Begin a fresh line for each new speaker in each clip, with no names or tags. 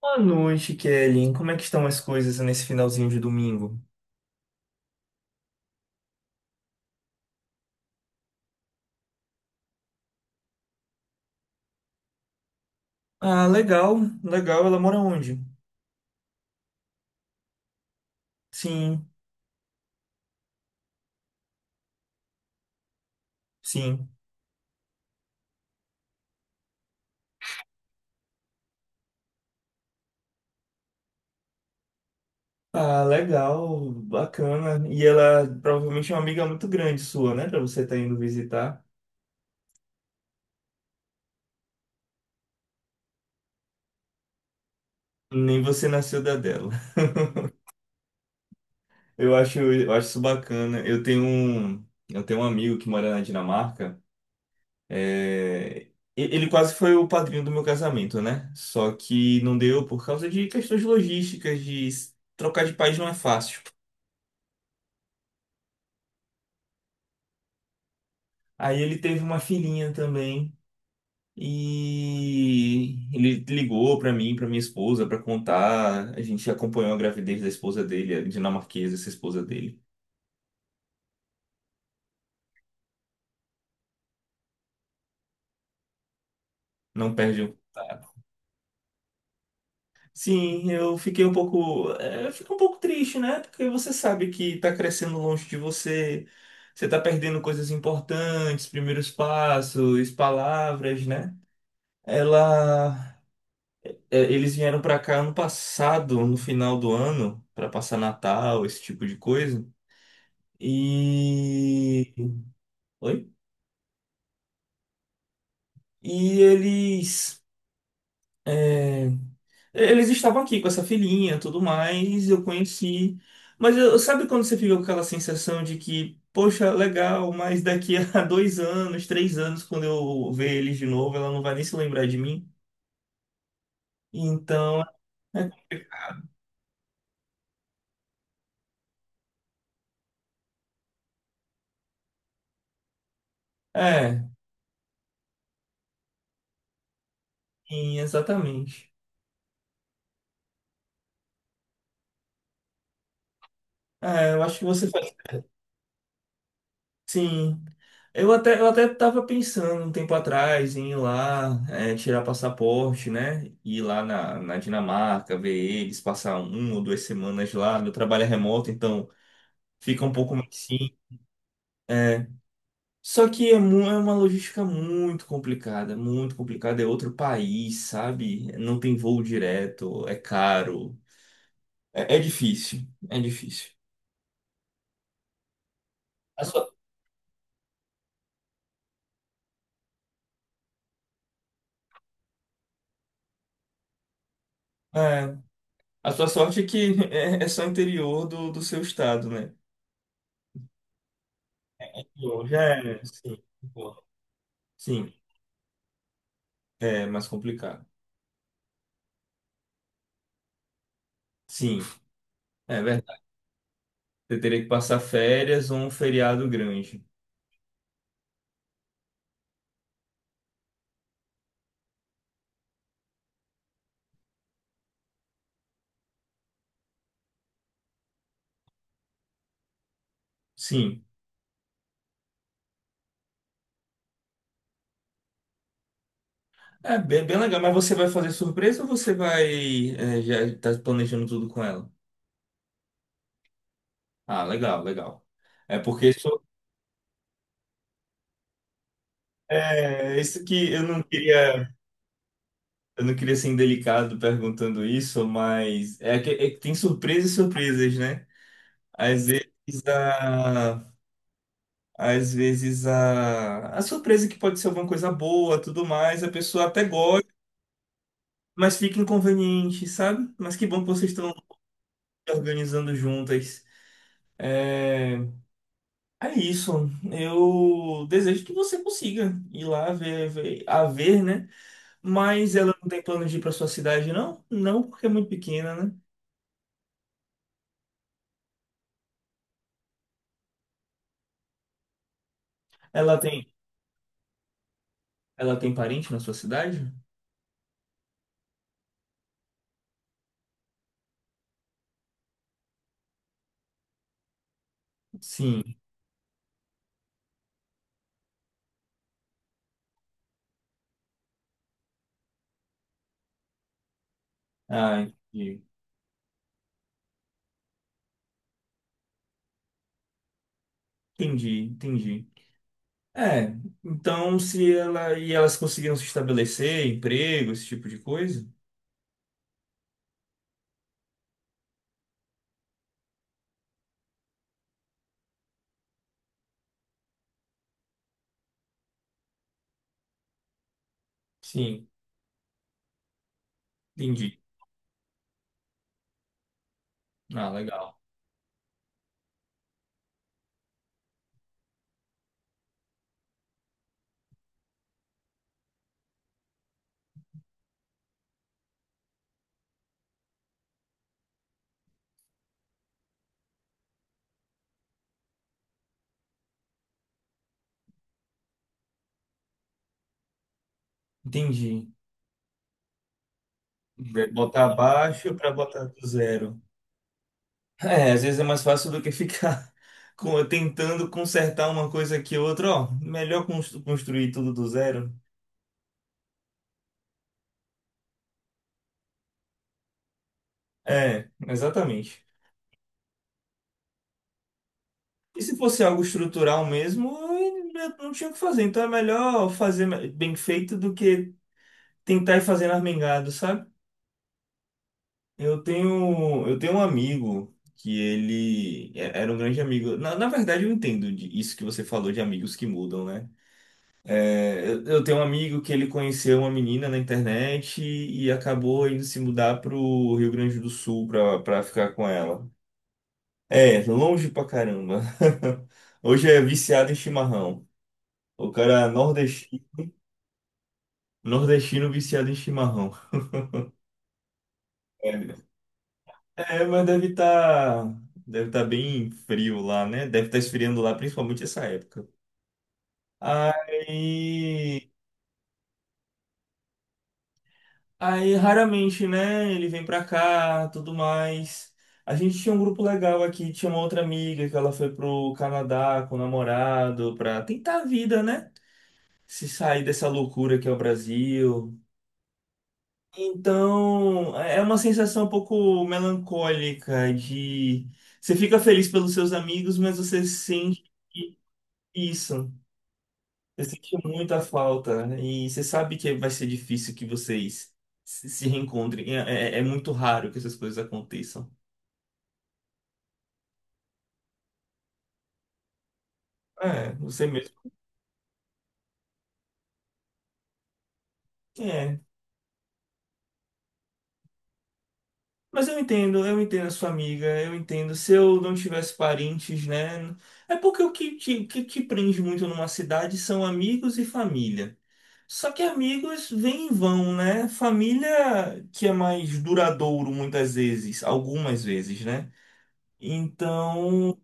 Boa noite, Kelly. Como é que estão as coisas nesse finalzinho de domingo? Ah, legal, legal. Ela mora onde? Sim, sim. Ah, legal, bacana. E ela provavelmente é uma amiga muito grande sua, né? Pra você estar indo visitar. Nem você nasceu da dela. Eu acho isso bacana. Eu tenho um amigo que mora na Dinamarca. É, e- Ele quase foi o padrinho do meu casamento, né? Só que não deu por causa de questões logísticas, de trocar de país não é fácil. Aí ele teve uma filhinha também e ele ligou pra mim, pra minha esposa, pra contar. A gente acompanhou a gravidez da esposa dele, a dinamarquesa, essa esposa dele. Não perde um. Sim, eu fiquei um pouco, eu fico um pouco triste, né? Porque você sabe que tá crescendo longe de você, você tá perdendo coisas importantes, primeiros passos, palavras, né? Ela, eles vieram pra cá ano passado, no final do ano, pra passar Natal, esse tipo de coisa. E, oi? E eles, é, Eles estavam aqui com essa filhinha, tudo mais, eu conheci. Mas eu, sabe quando você fica com aquela sensação de que, poxa, legal, mas daqui a dois anos, três anos, quando eu ver eles de novo, ela não vai nem se lembrar de mim? Então, é, é, sim, exatamente. É, eu acho que você faz. Sim. Eu até estava pensando um tempo atrás em ir lá, tirar passaporte, né? Ir lá na Dinamarca, ver eles, passar uma ou duas semanas lá. Meu trabalho é remoto, então fica um pouco mais sim. É. Só que é uma logística muito complicada, muito complicada. É outro país, sabe? Não tem voo direto, é caro. É, é difícil, é difícil. A sua, é, a sua sorte é que é só interior do seu estado, né? Bom, já é, né? Sim. Bom, sim, é mais complicado. Sim, é verdade. Você teria que passar férias ou um feriado grande. Sim. É bem, bem legal, mas você vai fazer surpresa ou você vai, já tá planejando tudo com ela? Ah, legal, legal. É porque isso, isso que eu não queria ser indelicado perguntando isso, mas é que tem surpresas e surpresas, né? Às vezes a Às vezes a surpresa que pode ser alguma coisa boa, tudo mais, a pessoa até gosta, mas fica inconveniente, sabe? Mas que bom que vocês estão organizando juntas. É, é isso. Eu desejo que você consiga ir lá ver, ver- a ver, né? Mas ela não tem plano de ir para sua cidade, não? Não, porque é muito pequena, né? Ela tem, ela tem parente na sua cidade? Sim. Ah, entendi, entendi. Entendi. É, então se ela e elas conseguiram se estabelecer, emprego, esse tipo de coisa? Sim, entendi. Ah, legal. Entendi. Vai botar abaixo para botar do zero. É, às vezes é mais fácil do que ficar tentando consertar uma coisa que outra, ó, melhor construir tudo do zero. É, exatamente. E se fosse algo estrutural mesmo, eu não tinha o que fazer. Então é melhor fazer bem feito do que tentar ir fazendo armengado, sabe? Eu tenho um amigo que era um grande amigo. Na verdade, eu entendo isso que você falou de amigos que mudam, né? Eu tenho um amigo que ele conheceu uma menina na internet e acabou indo se mudar pro Rio Grande do Sul pra ficar com ela. É, longe pra caramba. Hoje é viciado em chimarrão. O cara é nordesti- Nordestino viciado em chimarrão. É, é, mas deve tá bem frio lá, né? Deve estar esfriando lá, principalmente essa época. Aí, aí raramente, né? Ele vem pra cá, tudo mais. A gente tinha um grupo legal aqui, tinha uma outra amiga que ela foi pro Canadá com o namorado pra tentar a vida, né? Se sair dessa loucura que é o Brasil. Então, é uma sensação um pouco melancólica de você fica feliz pelos seus amigos, mas você sente. Isso, eu senti muita falta, né? E você sabe que vai ser difícil que vocês se reencontrem. É muito raro que essas coisas aconteçam. É, você mesmo. É. Mas eu entendo a sua amiga, eu entendo. Se eu não tivesse parentes, né? É porque o que que te prende muito numa cidade são amigos e família. Só que amigos vêm e vão, né? Família que é mais duradouro muitas vezes, algumas vezes, né? Então.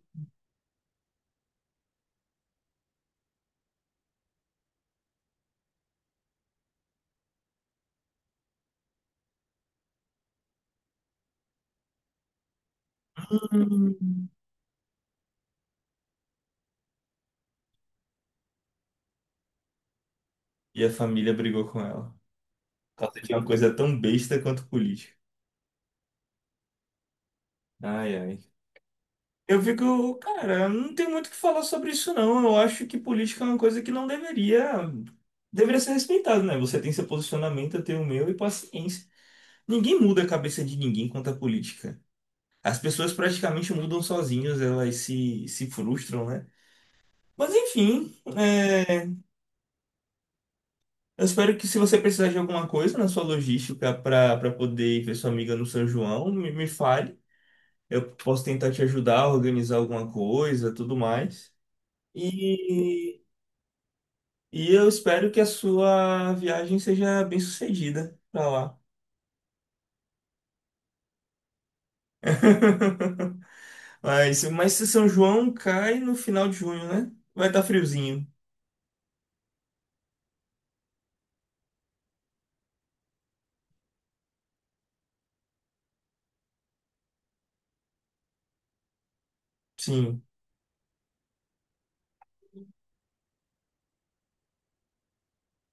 Hum. E a família brigou com ela. Por causa de uma coisa tão besta quanto política. Ai, ai. Eu fico, cara, não tem muito o que falar sobre isso, não. Eu acho que política é uma coisa que não deveria. Deveria ser respeitada, né? Você tem seu posicionamento, eu tenho o meu e paciência. Ninguém muda a cabeça de ninguém quanto à política. As pessoas praticamente mudam sozinhas, elas se frustram, né? Mas enfim, é, eu espero que se você precisar de alguma coisa na sua logística para poder ir ver sua amiga no São João, me fale. Eu posso tentar te ajudar a organizar alguma coisa, tudo mais. E, e eu espero que a sua viagem seja bem sucedida pra lá. Mas se São João cai no final de junho, né? Vai estar friozinho. Sim,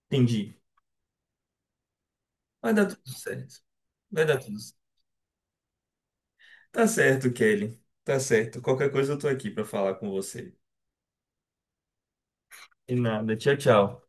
entendi. Vai dar tudo certo. Vai dar tudo certo. Tá certo, Kelly. Tá certo. Qualquer coisa eu tô aqui pra falar com você. E nada. Tchau, tchau.